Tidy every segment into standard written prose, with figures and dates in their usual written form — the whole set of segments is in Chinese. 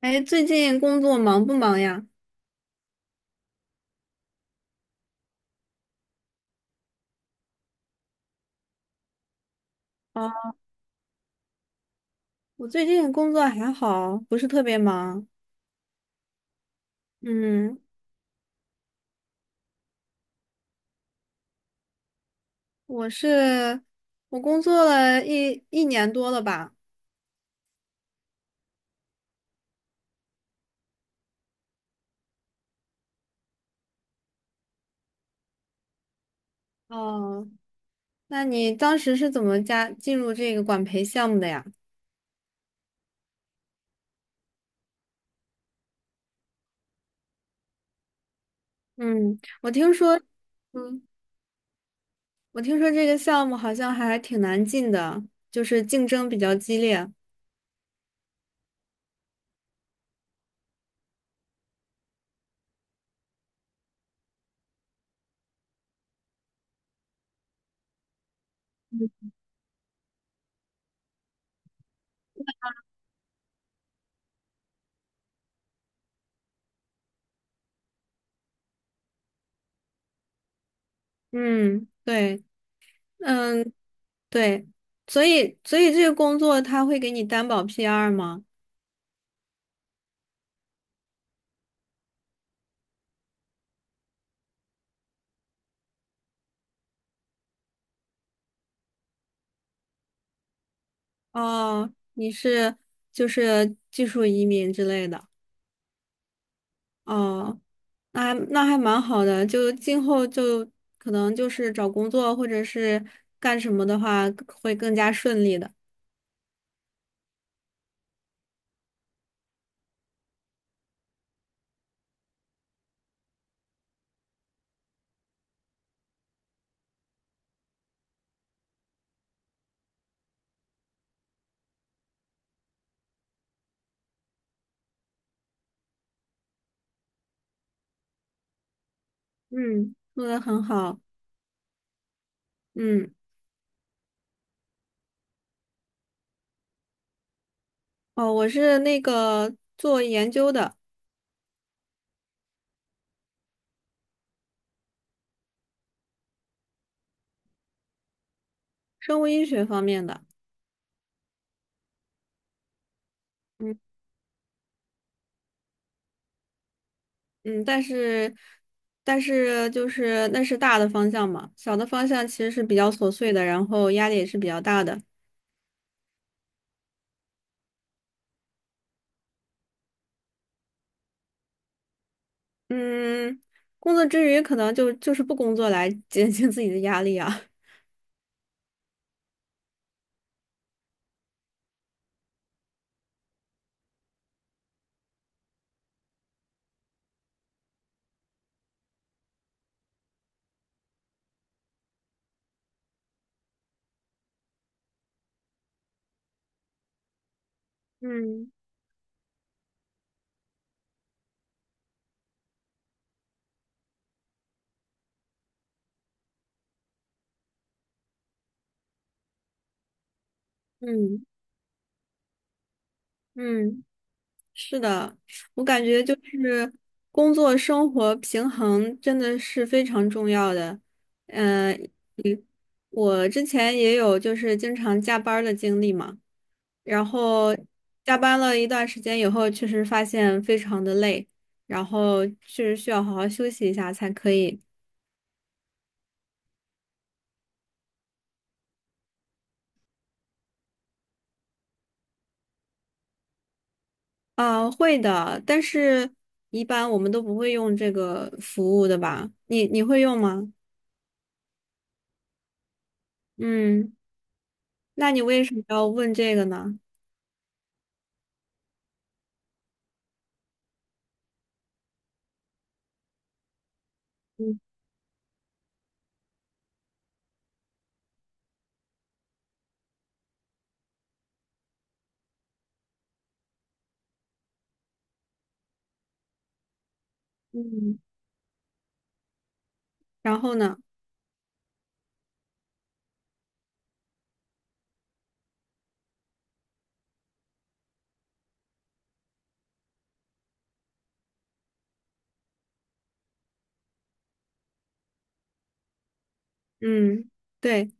哎，最近工作忙不忙呀？啊，我最近工作还好，不是特别忙。嗯，我是我工作了一年多了吧？哦，那你当时是怎么进入这个管培项目的呀？嗯，嗯，我听说这个项目好像还挺难进的，就是竞争比较激烈。嗯，对，嗯，对，所以这个工作他会给你担保 PR 吗？哦，你是就是技术移民之类的，哦，那还蛮好的，就今后就可能就是找工作或者是干什么的话会更加顺利的。嗯，做的很好。嗯，哦，我是那个做研究的，生物医学方面的。嗯嗯，但是就是那是大的方向嘛，小的方向其实是比较琐碎的，然后压力也是比较大的。嗯，工作之余可能就是不工作来减轻自己的压力啊。嗯嗯嗯，是的，我感觉就是工作生活平衡真的是非常重要的。嗯、嗯我之前也有就是经常加班儿的经历嘛，然后加班了一段时间以后，确实发现非常的累，然后确实需要好好休息一下才可以。啊，会的，但是一般我们都不会用这个服务的吧？你会用吗？嗯，那你为什么要问这个呢？嗯嗯，然后呢？嗯，对，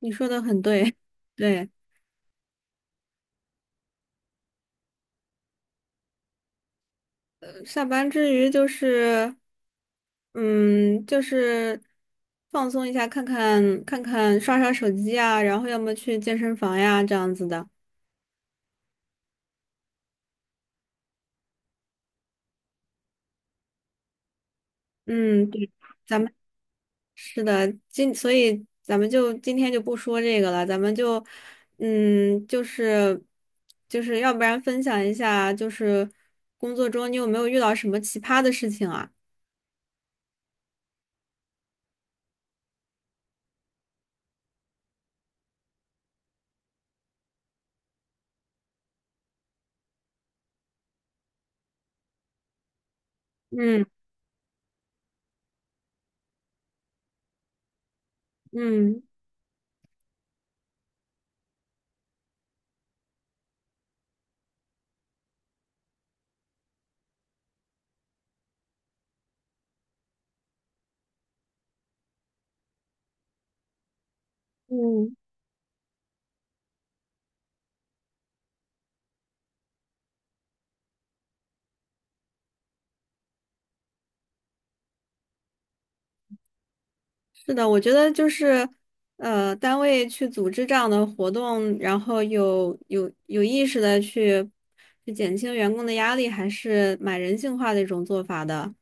你说的很对，对，下班之余就是，嗯，就是放松一下，看看刷刷手机啊，然后要么去健身房呀，这样子的。嗯，对。咱们。是的，所以咱们就今天就不说这个了，咱们就，嗯，就是要不然分享一下，就是工作中你有没有遇到什么奇葩的事情啊？嗯嗯嗯，是的，我觉得就是，单位去组织这样的活动，然后有意识的去减轻员工的压力，还是蛮人性化的一种做法的。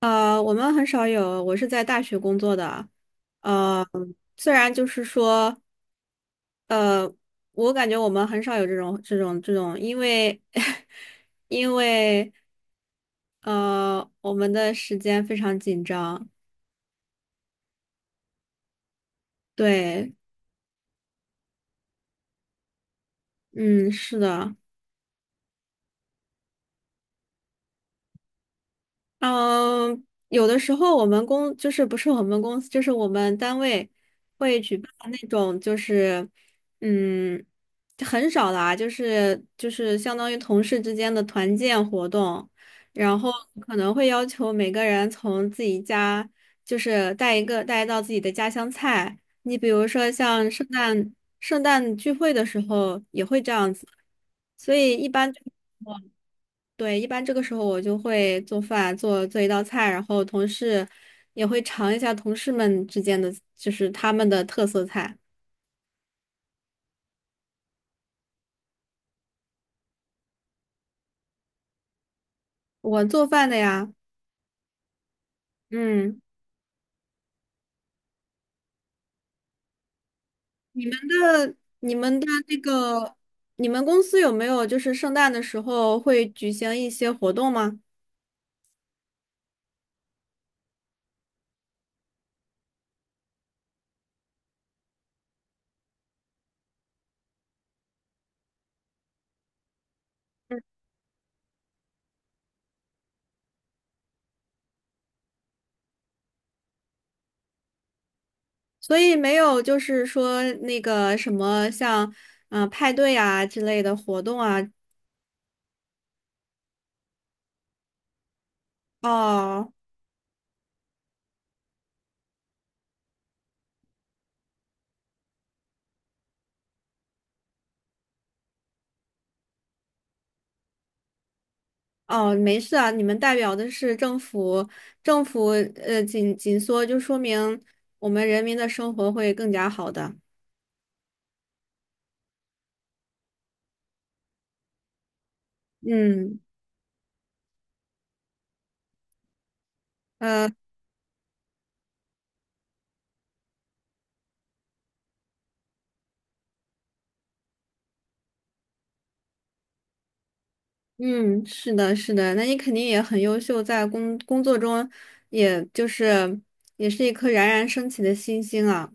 我们很少有，我是在大学工作的，呃，虽然就是说，呃，我感觉我们很少有这种，因为 因为我们的时间非常紧张，对，嗯，是的。嗯，有的时候我们公就是不是我们公司，就是我们单位会举办那种就是嗯很少啦，就是相当于同事之间的团建活动，然后可能会要求每个人从自己家就是带一道自己的家乡菜。你比如说像圣诞聚会的时候也会这样子，所以一般。对，一般这个时候我就会做饭，做做一道菜，然后同事也会尝一下同事们之间的，就是他们的特色菜。我做饭的呀，嗯，你们的那个，你们公司有没有就是圣诞的时候会举行一些活动吗？嗯，所以没有就是说那个什么像派对啊之类的活动啊。哦，哦，没事啊，你们代表的是政府，政府紧缩，就说明我们人民的生活会更加好的。嗯，呃，嗯，是的，是的，那你肯定也很优秀，在工作中，也就是也是一颗冉冉升起的新星啊。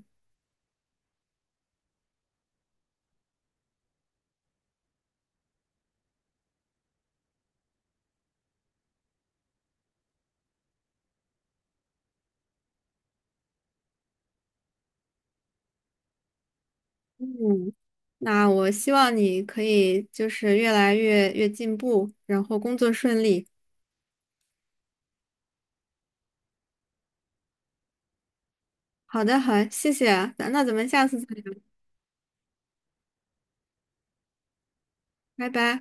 嗯，那我希望你可以就是越来越进步，然后工作顺利。好的，好，谢谢啊，那咱们下次再聊，拜拜。